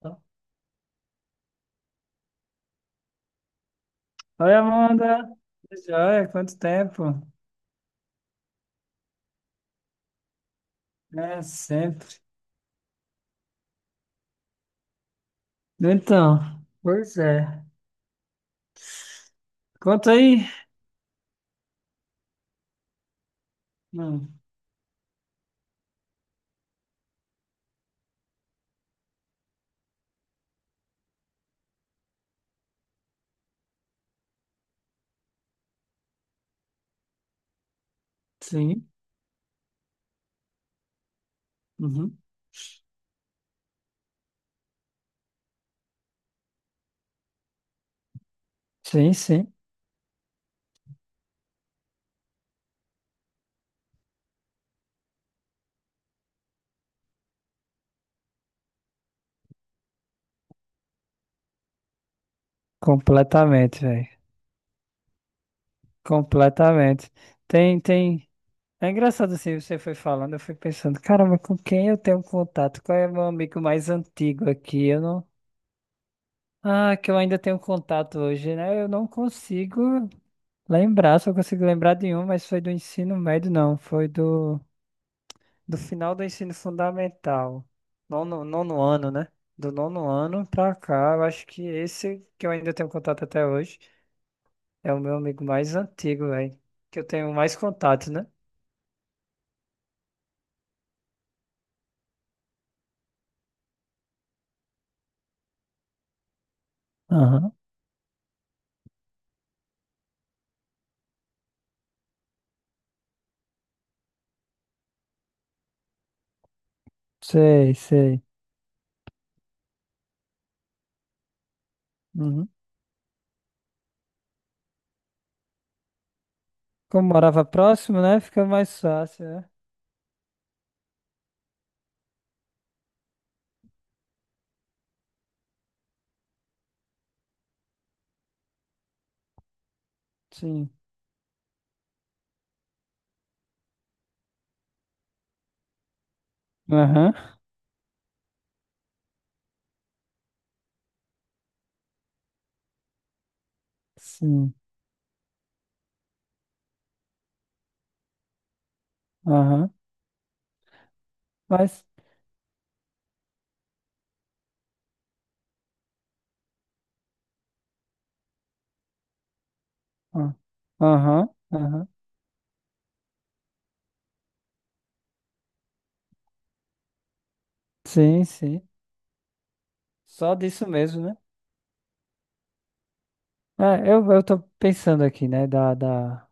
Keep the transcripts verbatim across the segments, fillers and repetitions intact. Oi, Amanda. Tudo joia, quanto tempo? É, sempre. Então, pois é. Conta aí. Hum, sim. Uhum. Sim, sim. Completamente, velho. Completamente. Tem, tem. É engraçado assim, você foi falando, eu fui pensando, caramba, com quem eu tenho contato? Qual é meu amigo mais antigo aqui? Eu não. Ah, que eu ainda tenho contato hoje, né? Eu não consigo lembrar, só consigo lembrar de um, mas foi do ensino médio, não. Foi do. Do final do ensino fundamental, nono, nono ano, né? Do nono ano pra cá, eu acho que esse que eu ainda tenho contato até hoje é o meu amigo mais antigo, velho. Que eu tenho mais contato, né? Aham. Sei, sei. Uhum. Como morava próximo, né? Fica mais fácil, né? Sim. Aham. Sim. Aham. Mas. Ah. Aham, aham. Sim, sim. Só disso mesmo, né? É, eu, eu tô pensando aqui, né? Da, da,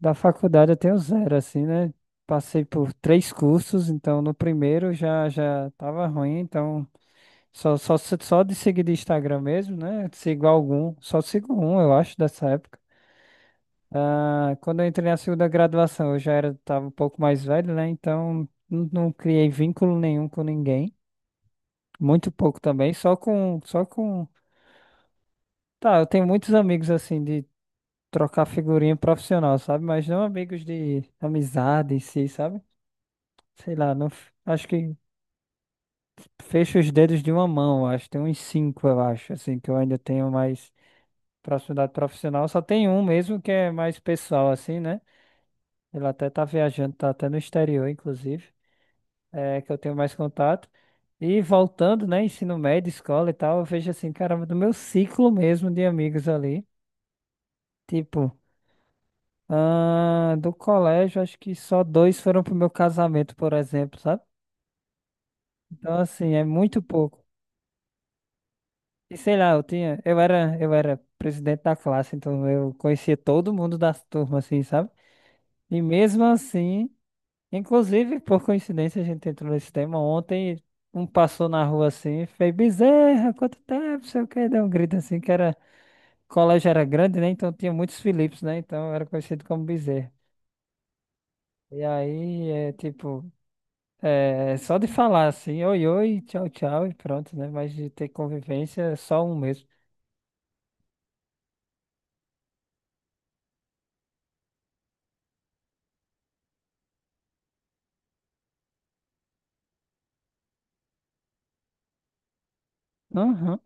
Da faculdade eu tenho zero, assim, né? Passei por três cursos, então no primeiro já já tava ruim, então só, só, só de seguir de Instagram mesmo, né? Sigo algum, só sigo um, eu acho, dessa época. Ah, quando eu entrei na segunda graduação, eu já era, tava um pouco mais velho, né? Então não, não criei vínculo nenhum com ninguém, muito pouco também, só com, só com... Tá, eu tenho muitos amigos, assim, de trocar figurinha profissional, sabe? Mas não amigos de amizade em si, sabe? Sei lá, não, f- acho que fecho os dedos de uma mão, acho. Tem uns cinco, eu acho, assim, que eu ainda tenho mais proximidade profissional. Só tem um mesmo que é mais pessoal, assim, né? Ele até tá viajando, tá até no exterior, inclusive, é que eu tenho mais contato. E voltando, né, ensino médio, escola e tal, eu vejo assim, caramba, do meu ciclo mesmo de amigos ali. Tipo, ah, do colégio, acho que só dois foram pro meu casamento, por exemplo, sabe? Então, assim, é muito pouco. E sei lá, eu tinha, eu era, eu era presidente da classe, então eu conhecia todo mundo da turma, assim, sabe? E mesmo assim, inclusive, por coincidência, a gente entrou nesse tema ontem, um passou na rua assim, e fez Bezerra, quanto tempo, sei o quê, deu um grito assim, que era, o colégio era grande, né? Então tinha muitos Philips, né? Então eu era conhecido como Bezerra. E aí, é tipo, é só de falar assim, oi, oi, tchau, tchau, e pronto, né? Mas de ter convivência, é só um mesmo. Aham.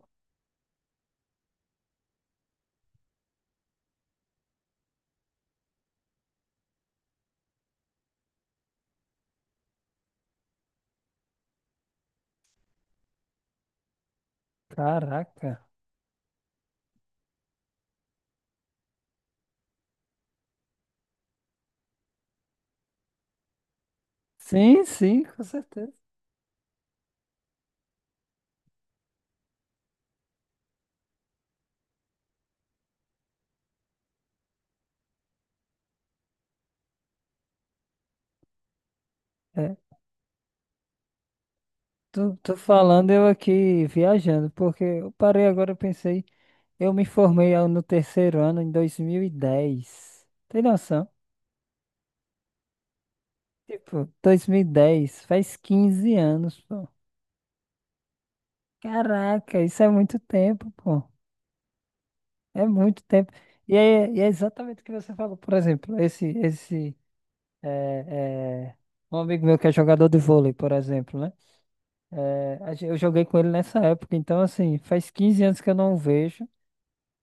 Caraca. Sim, sim, com certeza. É, tô, tô falando eu aqui viajando, porque eu parei agora, eu pensei, eu me formei ao- no terceiro ano em dois mil e dez. Tem noção? Tipo, dois mil e dez, faz quinze anos, pô. Caraca, isso é muito tempo, pô. É muito tempo. E é, e é exatamente o que você falou, por exemplo, esse, esse, é, é, um amigo meu que é jogador de vôlei, por exemplo, né? É, a gen- eu joguei com ele nessa época, então assim, faz quinze anos que eu não o vejo.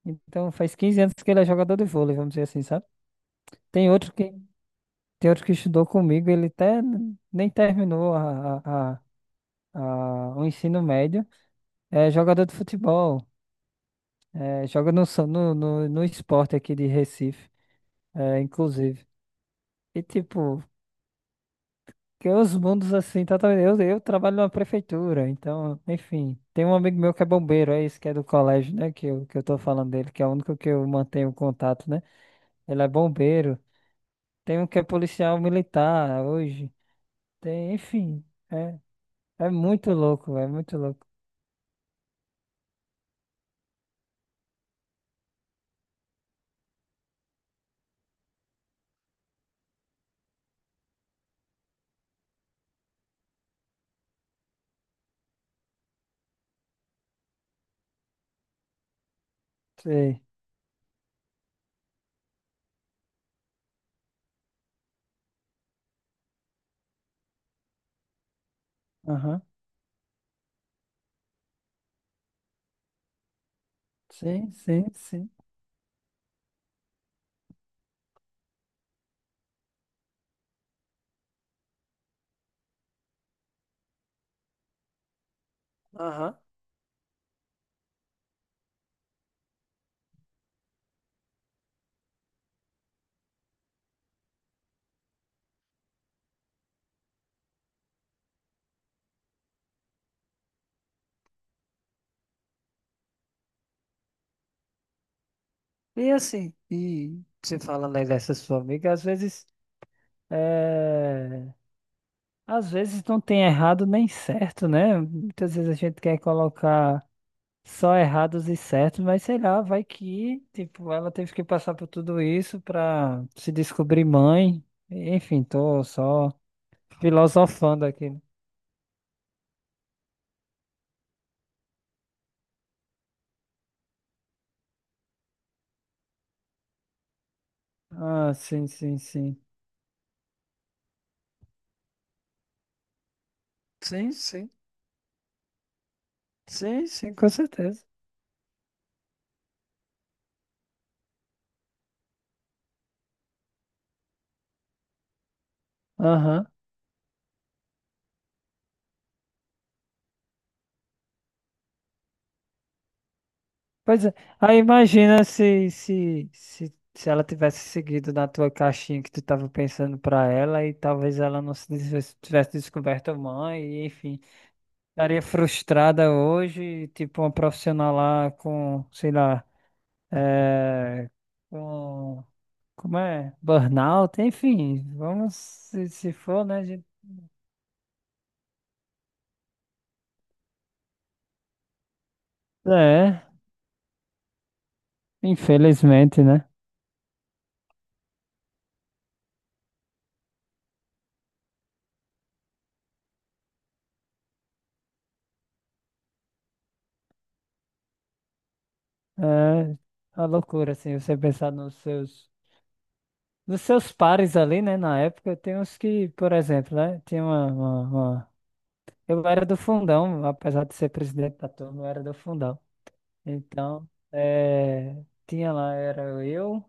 Então faz quinze anos que ele é jogador de vôlei, vamos dizer assim, sabe? Tem outro que, tem outro que estudou comigo, ele até n- nem terminou a, a, a- a- o ensino médio. É jogador de futebol, é, joga no, Sa- no, no, no esporte aqui de Recife, é, inclusive. E tipo, porque os mundos assim, totalmente. Eu, eu trabalho numa prefeitura, então, enfim. Tem um amigo meu que é bombeiro, é isso que é do colégio, né? Que eu, que eu tô falando dele, que é o único que eu mantenho contato, né? Ele é bombeiro. Tem um que é policial militar hoje. Tem, enfim. É, é muito louco, é muito louco. Sei. Aham. Sim, sim, sim. Aham. E assim, e você falando aí dessa sua amiga, às vezes. Às vezes não tem errado nem certo, né? Muitas vezes a gente quer colocar só errados e certos, mas sei lá, vai que, tipo, ela teve que passar por tudo isso pra se descobrir mãe. Enfim, tô só filosofando aqui. Ah, sim, sim, sim. Sim, sim. Sim, sim, com certeza. Aham. Pois é, aí imagina se, se, se, se ela tivesse seguido na tua caixinha que tu tava pensando pra ela e talvez ela não se des- tivesse descoberto a mãe e enfim, estaria frustrada hoje, tipo uma profissional lá com, sei lá, é, com, como é? Burnout, enfim, vamos, se, se for, né? A gente. É, infelizmente, né? É uma loucura, assim, você pensar nos seus. Dos seus pares ali, né, na época, tem uns que, por exemplo, né, tinha uma, uma- uma- eu era do fundão, apesar de ser presidente da turma, eu era do fundão. Então, eh, tinha lá, era eu,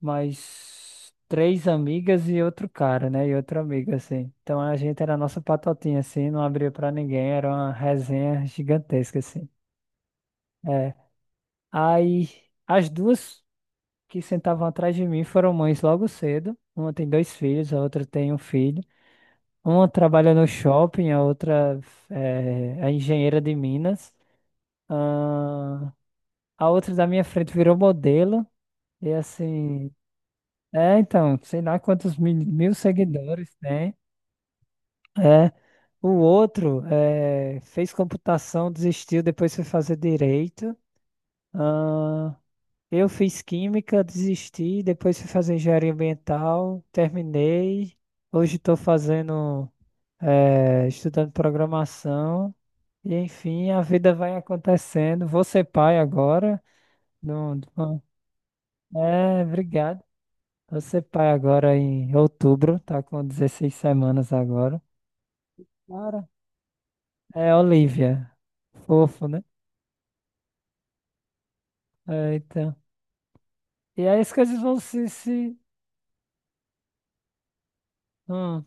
mais três amigas e outro cara, né, e outra amiga, assim. Então, a gente era a nossa patotinha, assim, não abria pra ninguém, era uma resenha gigantesca, assim. É. Aí, as duas que sentavam atrás de mim foram mães logo cedo. Uma tem dois filhos, a outra tem um filho. Uma trabalha no shopping, a outra é, é engenheira de Minas. Ah, a outra da minha frente virou modelo. E assim, é, então, sei lá quantos mil, mil seguidores tem. É, o outro é, fez computação, desistiu, depois foi fazer direito. Ah, eu fiz química, desisti, depois fui fazer engenharia ambiental, terminei. Hoje estou fazendo, é, estudando programação. E enfim, a vida vai acontecendo. Vou ser pai agora. Não, não- é, obrigado. Vou ser pai agora em outubro, tá com dezesseis semanas agora. Cara, é Olivia. Fofo, né? É, então. E aí as coisas vão se, se... Hum,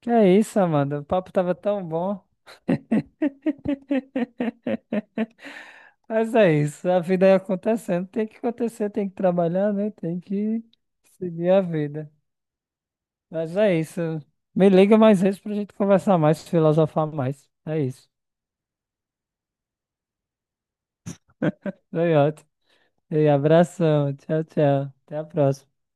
que é isso, Amanda? O papo tava tão bom. Mas é isso, a vida é acontecendo. Tem que acontecer, tem que trabalhar, né? Tem que seguir a vida. Mas é isso. Me liga mais vezes pra gente conversar mais, filosofar mais. É isso. Foi ótimo. E abração. Tchau, tchau. Até a próxima.